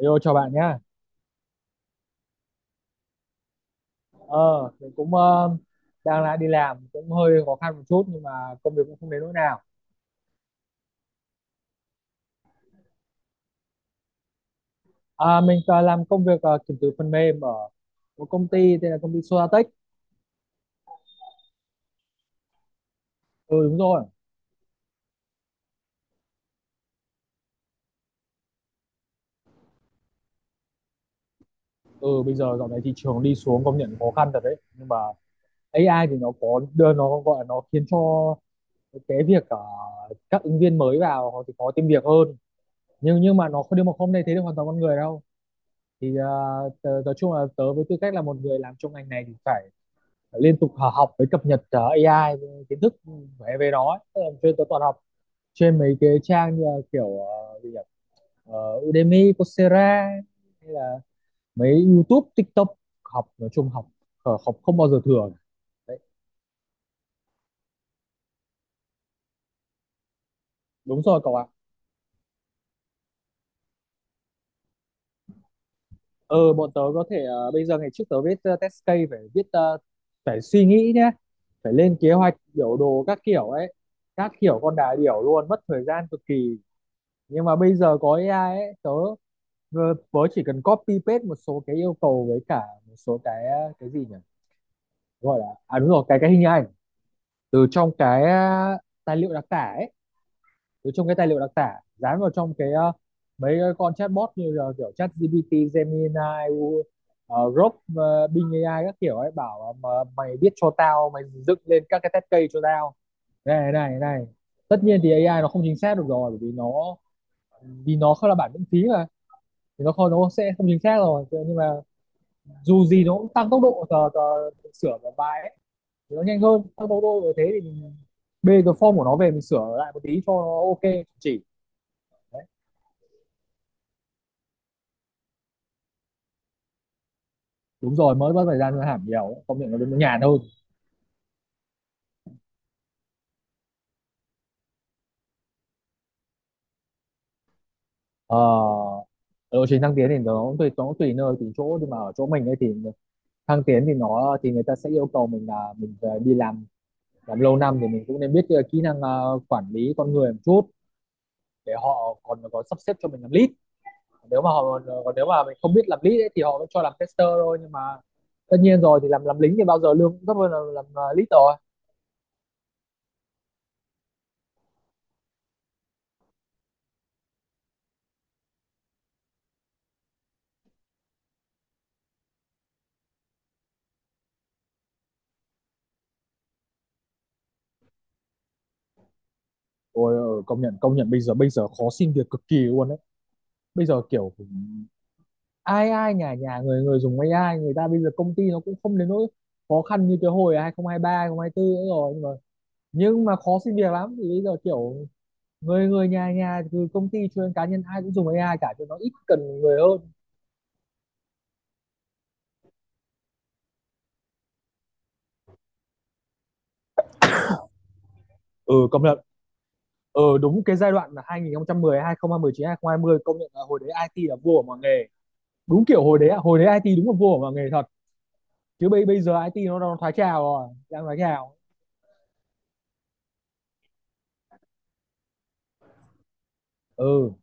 Yo chào bạn nhá. Ờ, mình cũng đang lại đi làm cũng hơi khó khăn một chút nhưng mà công việc cũng không đến nỗi nào. À, mình làm công việc kiểm thử phần mềm ở một công ty tên là công ty Sodatech. Ừ đúng rồi. Ừ, bây giờ dạo này thị trường đi xuống, công nhận khó khăn thật đấy. Nhưng mà AI thì nó có đưa, nó gọi là nó khiến cho cái việc các ứng viên mới vào họ thì khó tìm việc hơn. Nhưng mà nó không, nhưng mà không thay thế được hoàn toàn con người đâu. Thì nói chung là tớ với tư cách là một người làm trong ngành này thì phải liên tục học với cập nhật AI, kiến thức về về nó ấy. Tức là tôi toàn học trên mấy cái trang như kiểu ờ, gì nhỉ Udemy, Coursera, hay là mấy YouTube, TikTok. Học nói chung, học học không bao giờ thừa đấy. Đúng rồi cậu ạ. Ờ bọn tớ có thể bây giờ ngày trước tớ viết test case phải viết phải suy nghĩ nhé, phải lên kế hoạch biểu đồ các kiểu ấy, các kiểu con đà điểu luôn, mất thời gian cực kỳ. Nhưng mà bây giờ có AI ấy, tớ Vờ- Vớ chỉ cần copy paste một số cái yêu cầu với cả một số cái gì nhỉ? Gọi là à đúng rồi, cái hình ảnh từ trong cái tài liệu đặc tả ấy, từ trong cái tài liệu đặc tả dán vào trong cái mấy cái con chatbot như là kiểu ChatGPT, Gemini, U- Grok, Bing AI các kiểu ấy, bảo là mà mày biết cho tao, mày dựng lên các cái test case cho tao. Này này này. Tất nhiên thì AI nó không chính xác được rồi, bởi vì nó, vì nó không là bản miễn phí mà, thì nó không, nó sẽ không chính xác rồi. Thế nhưng mà dù gì nó cũng tăng tốc độ, tờ, tờ sửa một bài ấy thì nó nhanh hơn, tăng tốc độ như thế thì mình bê cái form của nó về mình sửa lại một tí cho nó ok chỉ đấy. Đúng rồi, mới mất thời gian nó hẳn nhiều, công nhận nó đến nó nhàn hơn. ờ lộ trình thăng tiến thì nó tùy, nó tùy nơi tùy chỗ, nhưng mà ở chỗ mình ấy thì thăng tiến thì nó thì người ta sẽ yêu cầu mình là mình phải đi làm lâu năm thì mình cũng nên biết kỹ năng quản lý con người một chút, để họ còn có sắp xếp cho mình làm lead. Nếu mà họ còn, nếu mà mình không biết làm lead ấy, thì họ mới cho làm tester thôi, nhưng mà tất nhiên rồi thì làm lính thì bao giờ lương cũng thấp hơn là làm lead rồi. Ôi, công nhận, công nhận bây giờ, bây giờ khó xin việc cực kỳ luôn đấy. Bây giờ kiểu ai ai nhà nhà người người dùng AI, người ta bây giờ công ty nó cũng không đến nỗi khó khăn như cái hồi 2023 2024 nữa rồi. Nhưng mà, nhưng mà khó xin việc lắm, thì bây giờ kiểu người người nhà nhà, từ công ty cho đến cá nhân ai cũng dùng AI cả, cho nó ít cần người hơn. Ừ, công nhận. Đúng cái giai đoạn là hai hai hai nghìn nghìn mười mười chín hai nghìn 2019 2020 công nhận là hồi đấy IT là vua của mọi nghề. Đúng kiểu hồi đấy, hồi đấy IT đúng là vua của mọi nghề thật, chứ bây bây giờ IT nó thoái trào rồi, đang thoái trào. Ừ,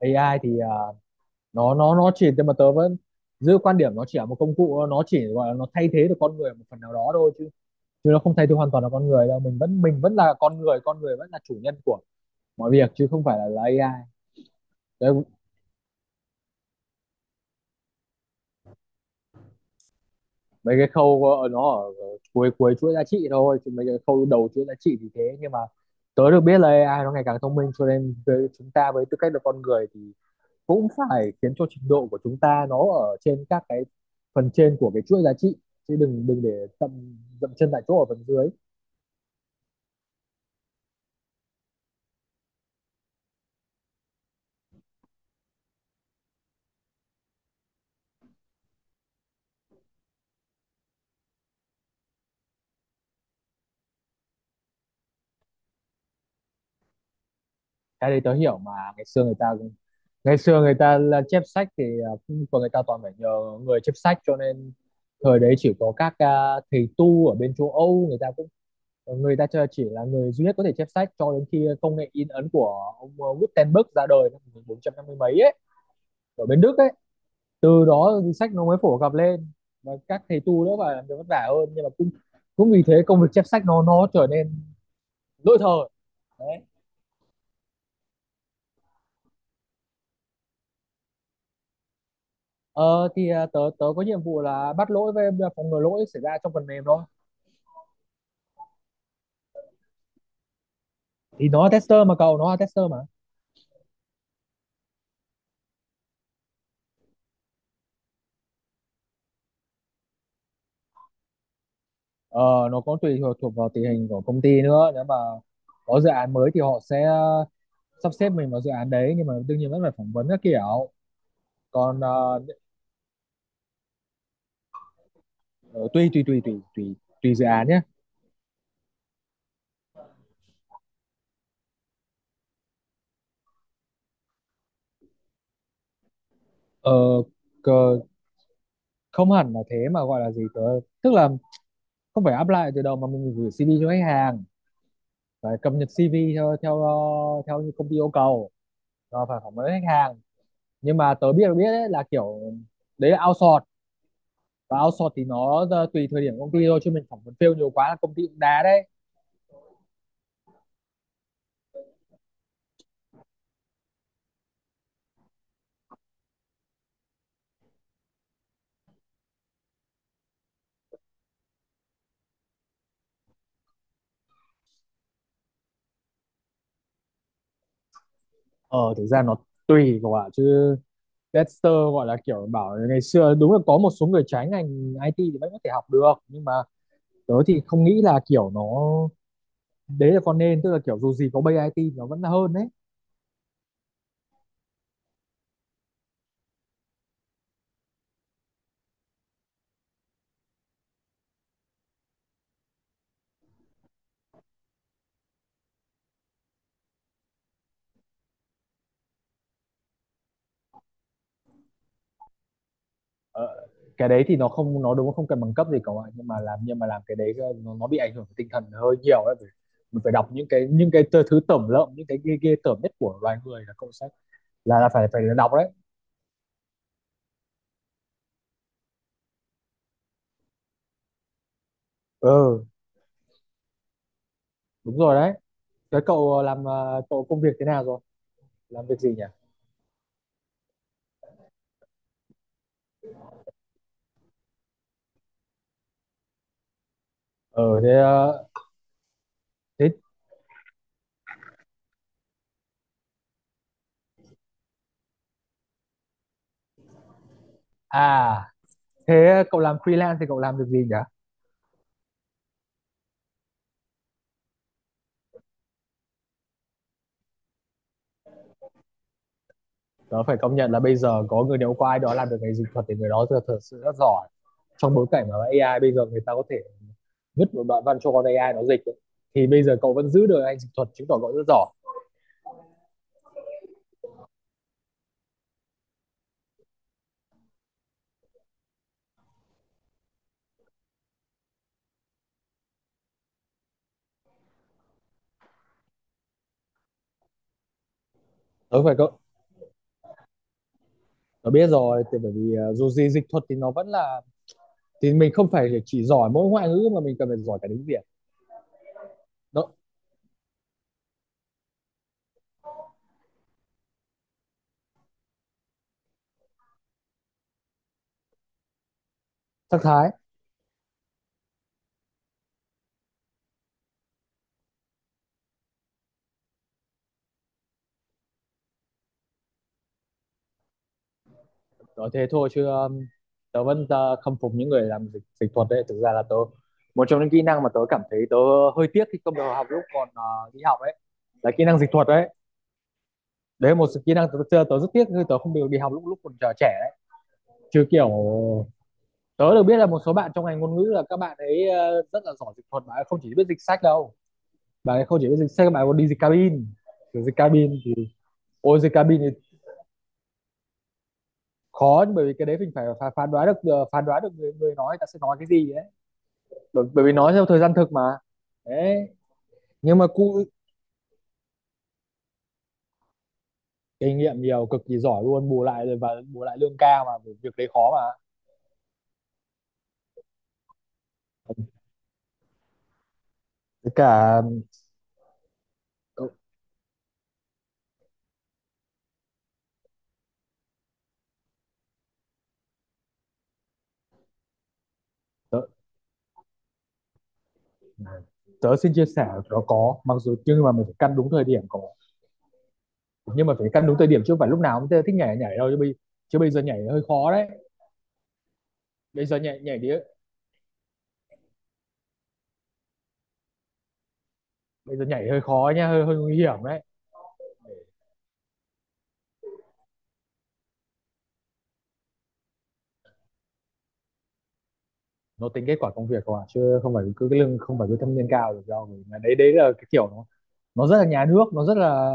AI thì nó chỉ, nhưng mà tớ vẫn giữ quan điểm nó chỉ là một công cụ, nó chỉ gọi là nó thay thế được con người một phần nào đó thôi, chứ chứ nó không thay thế hoàn toàn là con người đâu. Mình vẫn, mình vẫn là con người, con người vẫn là chủ nhân của mọi việc, chứ không phải là AI. Đấy, mấy cái khâu nó ở cuối cuối chuỗi giá trị thôi, chứ mấy cái khâu đầu chuỗi giá trị thì thế, nhưng mà tớ được biết là AI nó ngày càng thông minh, cho nên với chúng ta với tư cách là con người thì cũng phải khiến cho trình độ của chúng ta nó ở trên các cái phần trên của cái chuỗi giá trị, chứ đừng đừng để dậm dậm chân tại chỗ ở phần dưới. Cái đấy tớ hiểu mà. Ngày xưa người ta, ngày xưa người ta là chép sách thì của người ta toàn phải nhờ người chép sách, cho nên thời đấy chỉ có các thầy tu ở bên châu Âu, người ta cũng, chỉ là người duy nhất có thể chép sách, cho đến khi công nghệ in ấn của ông Gutenberg ra đời năm 1450 mấy ấy, ở bên Đức ấy. Từ đó thì sách nó mới phổ cập lên, và các thầy tu nữa phải làm việc vất vả hơn, nhưng mà cũng, cũng vì thế công việc chép sách nó trở nên lỗi thời đấy. Tớ tớ có nhiệm vụ là bắt lỗi với phòng ngừa lỗi xảy ra trong phần mềm thôi. Thì nó là tester mà cậu, nó là tester mà. ờ, nó có tùy thuộc thuộc vào tình hình của công ty nữa. Nếu mà có dự án mới thì họ sẽ sắp xếp mình vào dự án đấy, nhưng mà đương nhiên vẫn phải phỏng vấn các kiểu. Còn tùy tùy tùy tùy tùy tùy dự án nhé. ờ, cờ, không hẳn là thế, mà gọi là gì tớ, tức là không phải apply từ đầu mà mình gửi CV cho khách hàng, phải cập nhật CV theo theo theo như công ty yêu cầu, rồi phải phỏng vấn khách hàng. Nhưng mà tớ biết biết ấy, là kiểu đấy là outsource, và outsource thì nó tùy thời điểm công ty thôi, chứ mình phỏng vấn fail nhiều quá là công ty cũng đá đấy. Ờ thực ra nó tùy các bạn chứ. Dexter gọi là kiểu bảo là ngày xưa đúng là có một số người trái ngành IT thì vẫn có thể học được, nhưng mà tớ thì không nghĩ là kiểu nó đấy là con, nên tức là kiểu dù gì có bay IT nó vẫn hơn đấy. ờ, cái đấy thì nó không, nó đúng là không cần bằng cấp gì cả bạn, nhưng mà làm, nhưng mà làm cái đấy nó bị ảnh hưởng tinh thần hơi nhiều đấy. Mình phải đọc những cái, thứ tởm lợm, những cái ghê ghê tởm nhất của loài người là cậu sẽ là phải phải đọc đấy. Ừ đúng rồi đấy. Thế cậu làm cậu công việc thế nào rồi, làm việc gì nhỉ. ờ thế ờ, thế à. Thế cậu làm freelance thì cậu làm được gì nhỉ. Tớ phải công nhận là bây giờ có người, nếu có ai đó làm được ngành dịch thuật thì người đó thật, thật sự rất giỏi. Trong bối cảnh mà AI bây giờ, người ta có thể vứt một đoạn văn cho con AI nó dịch ấy, thì bây giờ cậu vẫn giữ được anh dịch thuật chứng tỏ cậu rất giỏi. Tớ phải cậu tớ biết rồi, thì bởi vì dù gì dịch thuật thì nó vẫn là, thì mình không phải chỉ giỏi mỗi ngoại ngữ mà mình cần phải giỏi cả tiếng Việt. Đó, sắc thái. Nói thế thôi, chứ tớ vẫn khâm phục những người làm dịch dịch thuật đấy. Thực ra là tớ, một trong những kỹ năng mà tớ cảm thấy tớ hơi tiếc khi không được học lúc còn đi học ấy, là kỹ năng dịch thuật đấy. Đấy là một kỹ năng tớ, tớ, rất tiếc khi tớ không được đi học lúc, lúc còn trẻ đấy. Chứ kiểu tớ được biết là một số bạn trong ngành ngôn ngữ là các bạn ấy rất là giỏi dịch thuật, mà không chỉ biết dịch sách đâu. Bạn ấy không chỉ biết dịch sách, các bạn còn đi dịch cabin. Kiểu dịch cabin thì, ôi dịch cabin thì khó, bởi vì cái đấy mình phải phán đoán được phán đoán được người, người nói ta sẽ nói cái gì ấy. Bởi vì nói theo thời gian thực mà, đấy. Nhưng mà cu kinh nghiệm nhiều cực kỳ, giỏi luôn, bù lại rồi và bù lại lương cao mà, việc đấy khó mà. Với cả tớ, tớ, tớ xin chia sẻ nó có, mặc dù nhưng mà mình phải căn đúng thời điểm có. Nhưng mà phải căn đúng thời điểm, chứ không phải lúc nào cũng thích nhảy nhảy đâu, chứ bây giờ nhảy hơi khó đấy. Bây giờ nhảy nhảy đi, bây giờ nhảy hơi khó nha, hơi hơi nguy hiểm đấy. Nó tính kết quả công việc không à, chứ không phải cứ cái lương, không phải cứ thâm niên cao được đâu. Mà đấy, đấy là cái kiểu nó rất là nhà nước, nó rất là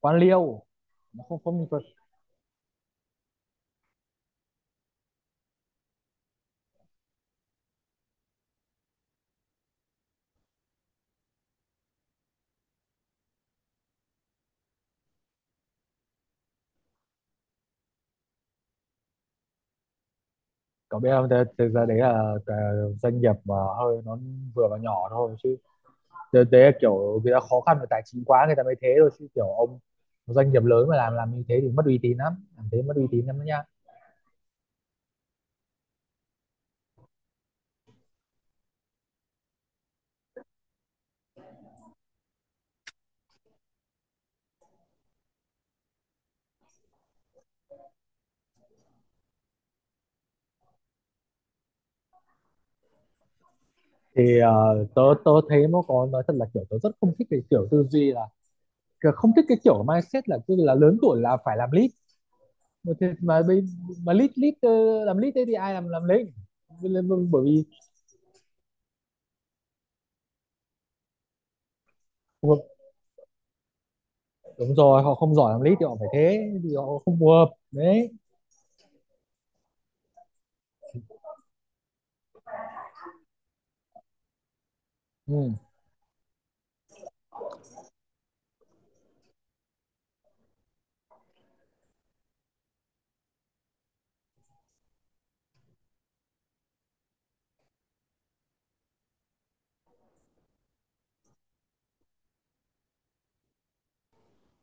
quan liêu. Nó không, không có. Cậu biết không, thế, thế ra đấy là cái doanh nghiệp mà hơi nó vừa và nhỏ thôi, chứ thế, thế là kiểu người ta khó khăn về tài chính quá người ta mới thế thôi, chứ kiểu ông doanh nghiệp lớn mà làm như thế thì mất uy tín lắm, làm thế mất uy tín lắm đó nha. Thì tớ tớ thấy nó có, nói thật là kiểu tớ rất không thích cái kiểu tư duy là, kiểu không thích cái kiểu mindset là cứ là lớn tuổi là phải làm lead. Mà mà bây- mà lead lead ờ, làm lead thế thì ai làm lead, bởi vì. Đúng rồi, họ không giỏi làm lead thì họ phải thế, thì họ không phù hợp đấy. Ừ,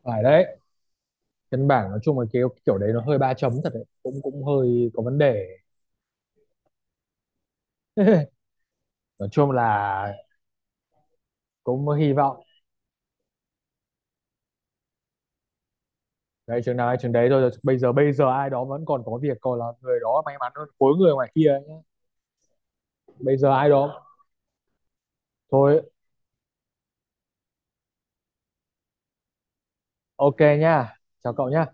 phải đấy. Căn bản nói chung là cái kiểu đấy nó hơi ba chấm thật đấy, cũng cũng hơi có vấn đề. Nói chung là cũng hy vọng đấy, chừng nào hay chừng đấy thôi. Bây giờ, bây giờ ai đó vẫn còn có việc còn là người đó may mắn hơn khối người ngoài kia ấy. Bây giờ ai đó, thôi ok nha, chào cậu nhá.